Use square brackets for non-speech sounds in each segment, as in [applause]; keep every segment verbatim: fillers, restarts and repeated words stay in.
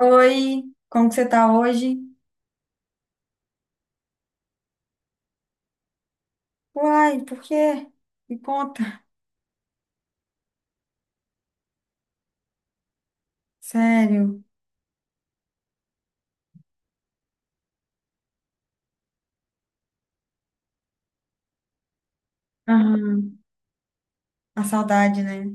Oi, como que você tá hoje? Uai, por quê? Me conta. Sério. Aham. A saudade, né?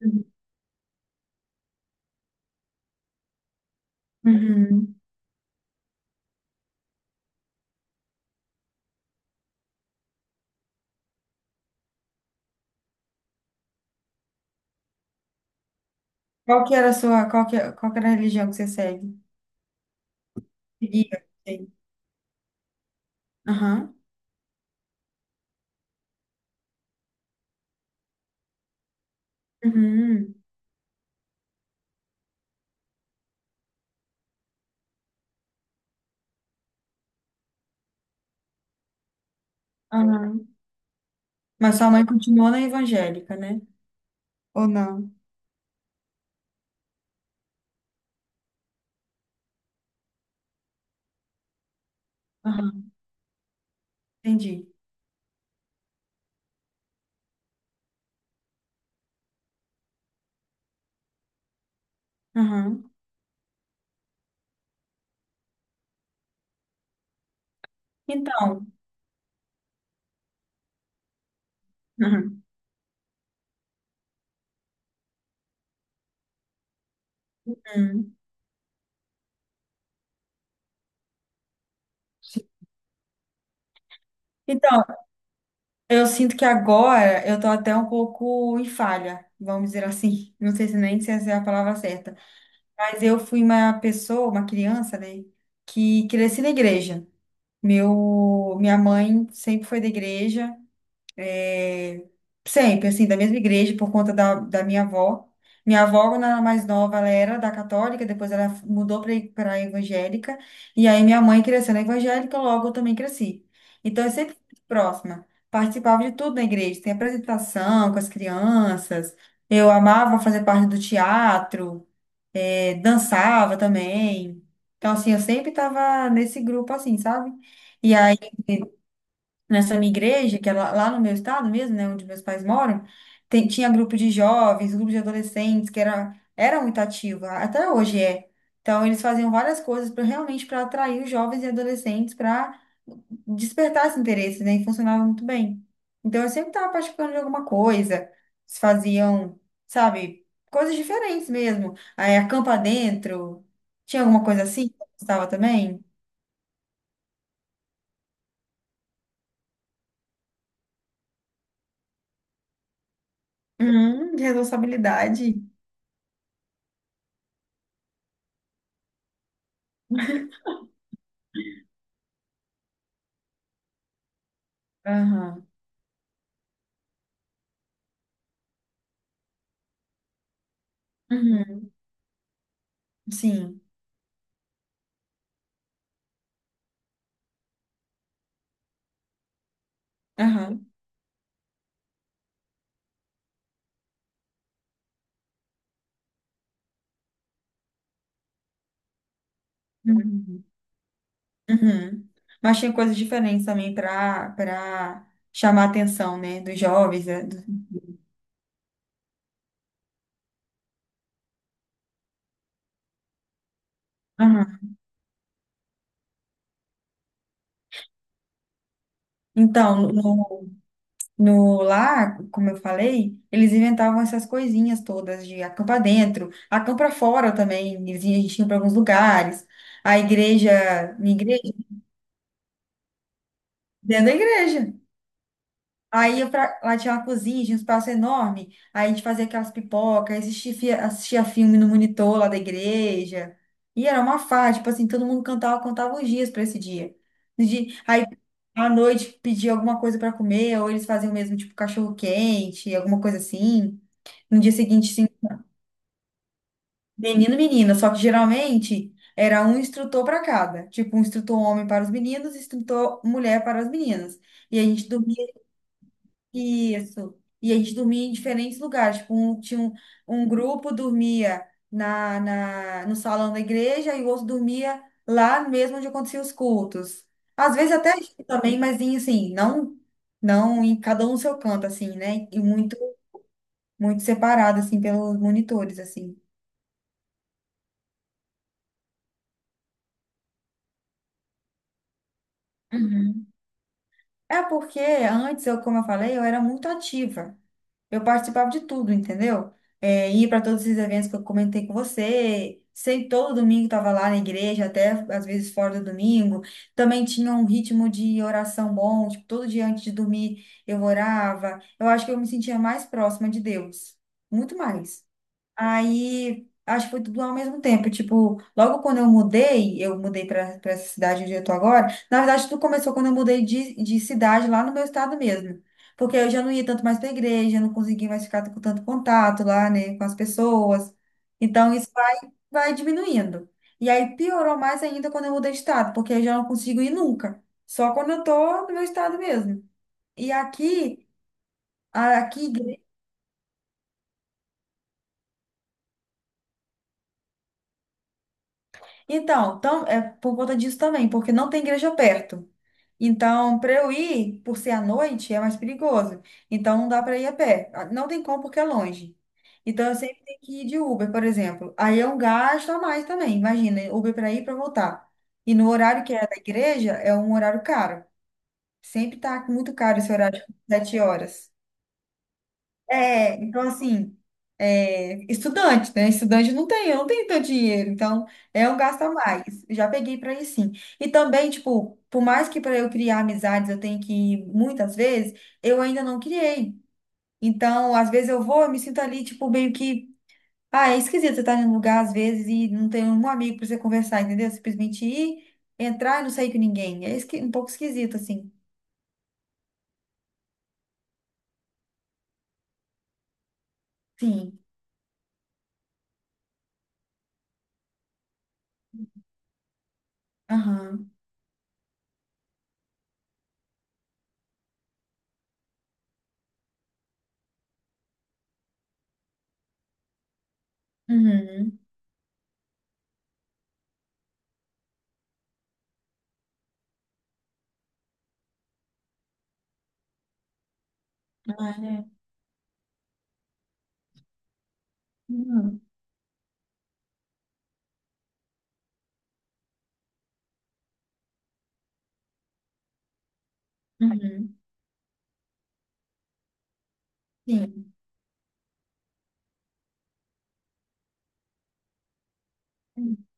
Uhum. Uhum. Qual que era a sua, qual que, qual que era a religião que você segue? Seguia, sei. Aham. Uhum. Aham. Mas sua mãe continuou na evangélica, né? Ou não? Aham. Entendi. Aham. Então. Uhum. Uhum. Então, eu sinto que agora eu tô até um pouco em falha, vamos dizer assim. Não sei se nem se essa é a palavra certa. Mas eu fui uma pessoa, uma criança, né, que cresci na igreja. Meu, minha mãe sempre foi da igreja, é, sempre, assim, da mesma igreja, por conta da, da minha avó. Minha avó, quando ela era mais nova, ela era da católica, depois ela mudou para a evangélica, e aí minha mãe cresceu na evangélica, logo eu também cresci. Então, eu sempre fui próxima, participava de tudo na igreja, tem apresentação com as crianças, eu amava fazer parte do teatro, eh, dançava também. Então, assim, eu sempre tava nesse grupo, assim, sabe? E aí, nessa minha igreja, que é lá, lá no meu estado mesmo, né, onde meus pais moram, tem- tinha grupo de jovens, grupo de adolescentes, que era, era muito ativa, até hoje é. Então, eles faziam várias coisas para realmente para atrair os jovens e adolescentes para despertar esse interesse, né, e funcionava muito bem. Então, eu sempre estava participando de alguma coisa, eles faziam, sabe, coisas diferentes mesmo. Aí, acampa dentro, tinha alguma coisa assim que eu gostava também? Hum, de responsabilidade. Aham. Uhum. Sim. Aham. Uhum. Uhum. Mas tinha coisas diferentes também para para chamar a atenção, né, dos jovens, né, do- Aham. Então, no, no lá, como eu falei, eles inventavam essas coisinhas todas de acampar dentro, acampar fora também. Eles iam- a gente ia para alguns lugares. A igreja, minha igreja, dentro da igreja. Aí eu pra- lá tinha uma cozinha, tinha um espaço enorme. Aí a gente fazia aquelas pipocas, assistia, fi- assistia filme no monitor lá da igreja. E era uma farra, tipo assim, todo mundo cantava, contava os dias para esse dia. No dia- Aí à noite pedia alguma coisa para comer, ou eles faziam mesmo, tipo, cachorro quente, alguma coisa assim. No dia seguinte, sim, menino, menina. Só que geralmente era um instrutor para cada. Tipo, um instrutor homem para os meninos, instrutor mulher para as meninas. E a gente dormia Isso. E a gente dormia em diferentes lugares. Tipo, um, tinha um, um grupo dormia na, na, no salão da igreja e o outro dormia lá mesmo onde aconteciam os cultos. Às vezes até junto também, mas em, assim, não, não em cada um no seu canto, assim, né? E muito, muito separado, assim, pelos monitores, assim. Uhum. É porque antes, eu, como eu falei, eu era muito ativa. Eu participava de tudo, entendeu? É, ia para todos esses eventos que eu comentei com você. Sei, todo domingo estava lá na igreja, até às vezes fora do domingo. Também tinha um ritmo de oração bom, tipo, todo dia antes de dormir eu orava. Eu acho que eu me sentia mais próxima de Deus, muito mais. Aí, acho que foi tudo ao mesmo tempo. Tipo, logo quando eu mudei, eu mudei para essa cidade onde eu tô agora. Na verdade, tudo começou quando eu mudei de, de cidade lá no meu estado mesmo. Porque eu já não ia tanto mais pra igreja, não conseguia mais ficar com tanto contato lá, né, com as pessoas. Então, isso vai, vai diminuindo. E aí piorou mais ainda quando eu mudei de estado, porque eu já não consigo ir nunca. Só quando eu tô no meu estado mesmo. E aqui, a aqui Então, tam- é por conta disso também, porque não tem igreja perto. Então, para eu ir, por ser à noite, é mais perigoso. Então, não dá para ir a pé. Ah, não tem como porque é longe. Então, eu sempre tenho que ir de Uber, por exemplo. Aí é um gasto a mais também. Imagina, Uber para ir e para voltar. E no horário que é da igreja, é um horário caro. Sempre tá muito caro esse horário, de sete horas. É, então assim, é, estudante, né? Estudante não tem, eu não tenho tanto dinheiro, então é um gasto a mais. Já peguei para ir sim. E também, tipo, por mais que para eu criar amizades eu tenho que ir muitas vezes, eu ainda não criei. Então, às vezes eu vou, eu me sinto ali, tipo, meio que. Ah, é esquisito você estar em um lugar às vezes e não ter um amigo para você conversar, entendeu? Simplesmente ir, entrar e não sair com ninguém. É esqui- um pouco esquisito, assim. Sim. Aham. Uhum. Ah, é. Uhum. Uhum. Sim. Uhum.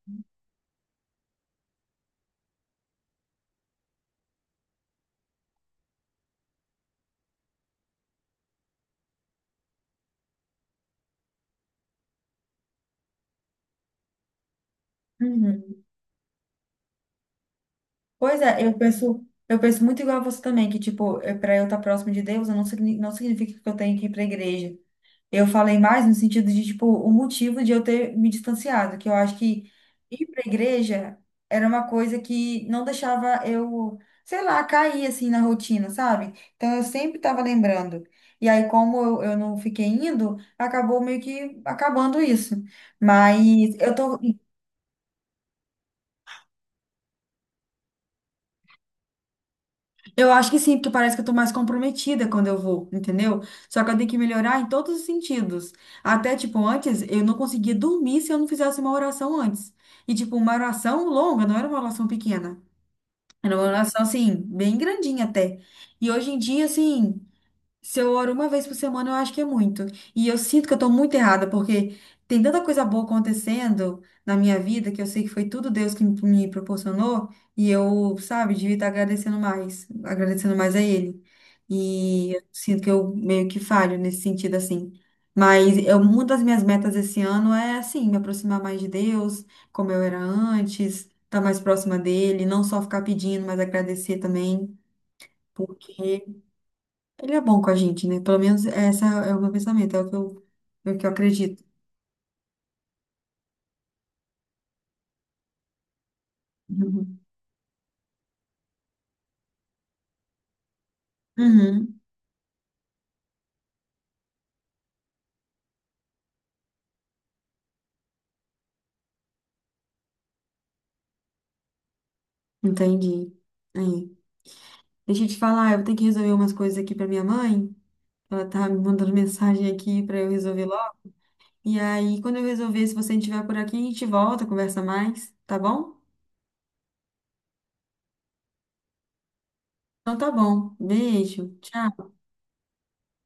Pois é, eu penso, eu penso muito igual a você também, que tipo, para eu estar próximo de Deus, eu não, signi- não significa que eu tenho que ir para a igreja. Eu falei mais no sentido de tipo, o motivo de eu ter me distanciado, que eu acho que ir para a igreja era uma coisa que não deixava eu, sei lá, cair assim na rotina, sabe? Então eu sempre estava lembrando. E aí, como eu, eu não fiquei indo, acabou meio que acabando isso. Mas eu tô Eu acho que sim, porque parece que eu tô mais comprometida quando eu vou, entendeu? Só que eu tenho que melhorar em todos os sentidos. Até, tipo, antes eu não conseguia dormir se eu não fizesse uma oração antes. E, tipo, uma oração longa, não era uma oração pequena. Era uma oração, assim, bem grandinha até. E hoje em dia, assim. Se eu oro uma vez por semana, eu acho que é muito. E eu sinto que eu tô muito errada, porque tem tanta coisa boa acontecendo na minha vida que eu sei que foi tudo Deus que me me proporcionou. E eu, sabe, devia estar agradecendo mais, agradecendo mais a Ele. E eu sinto que eu meio que falho nesse sentido, assim. Mas eu, uma das minhas metas esse ano é, assim, me aproximar mais de Deus, como eu era antes, estar mais próxima dele, não só ficar pedindo, mas agradecer também. Porque ele é bom com a gente, né? Pelo menos essa é o meu pensamento, é o que eu, é o que eu acredito. Uhum. Uhum, entendi. Aí. Deixa eu te falar, eu vou ter que resolver umas coisas aqui pra minha mãe. Ela tá me mandando [laughs] mensagem aqui pra eu resolver logo. E aí, quando eu resolver, se você estiver por aqui, a gente volta, conversa mais, tá bom? Então tá bom. Beijo. Tchau.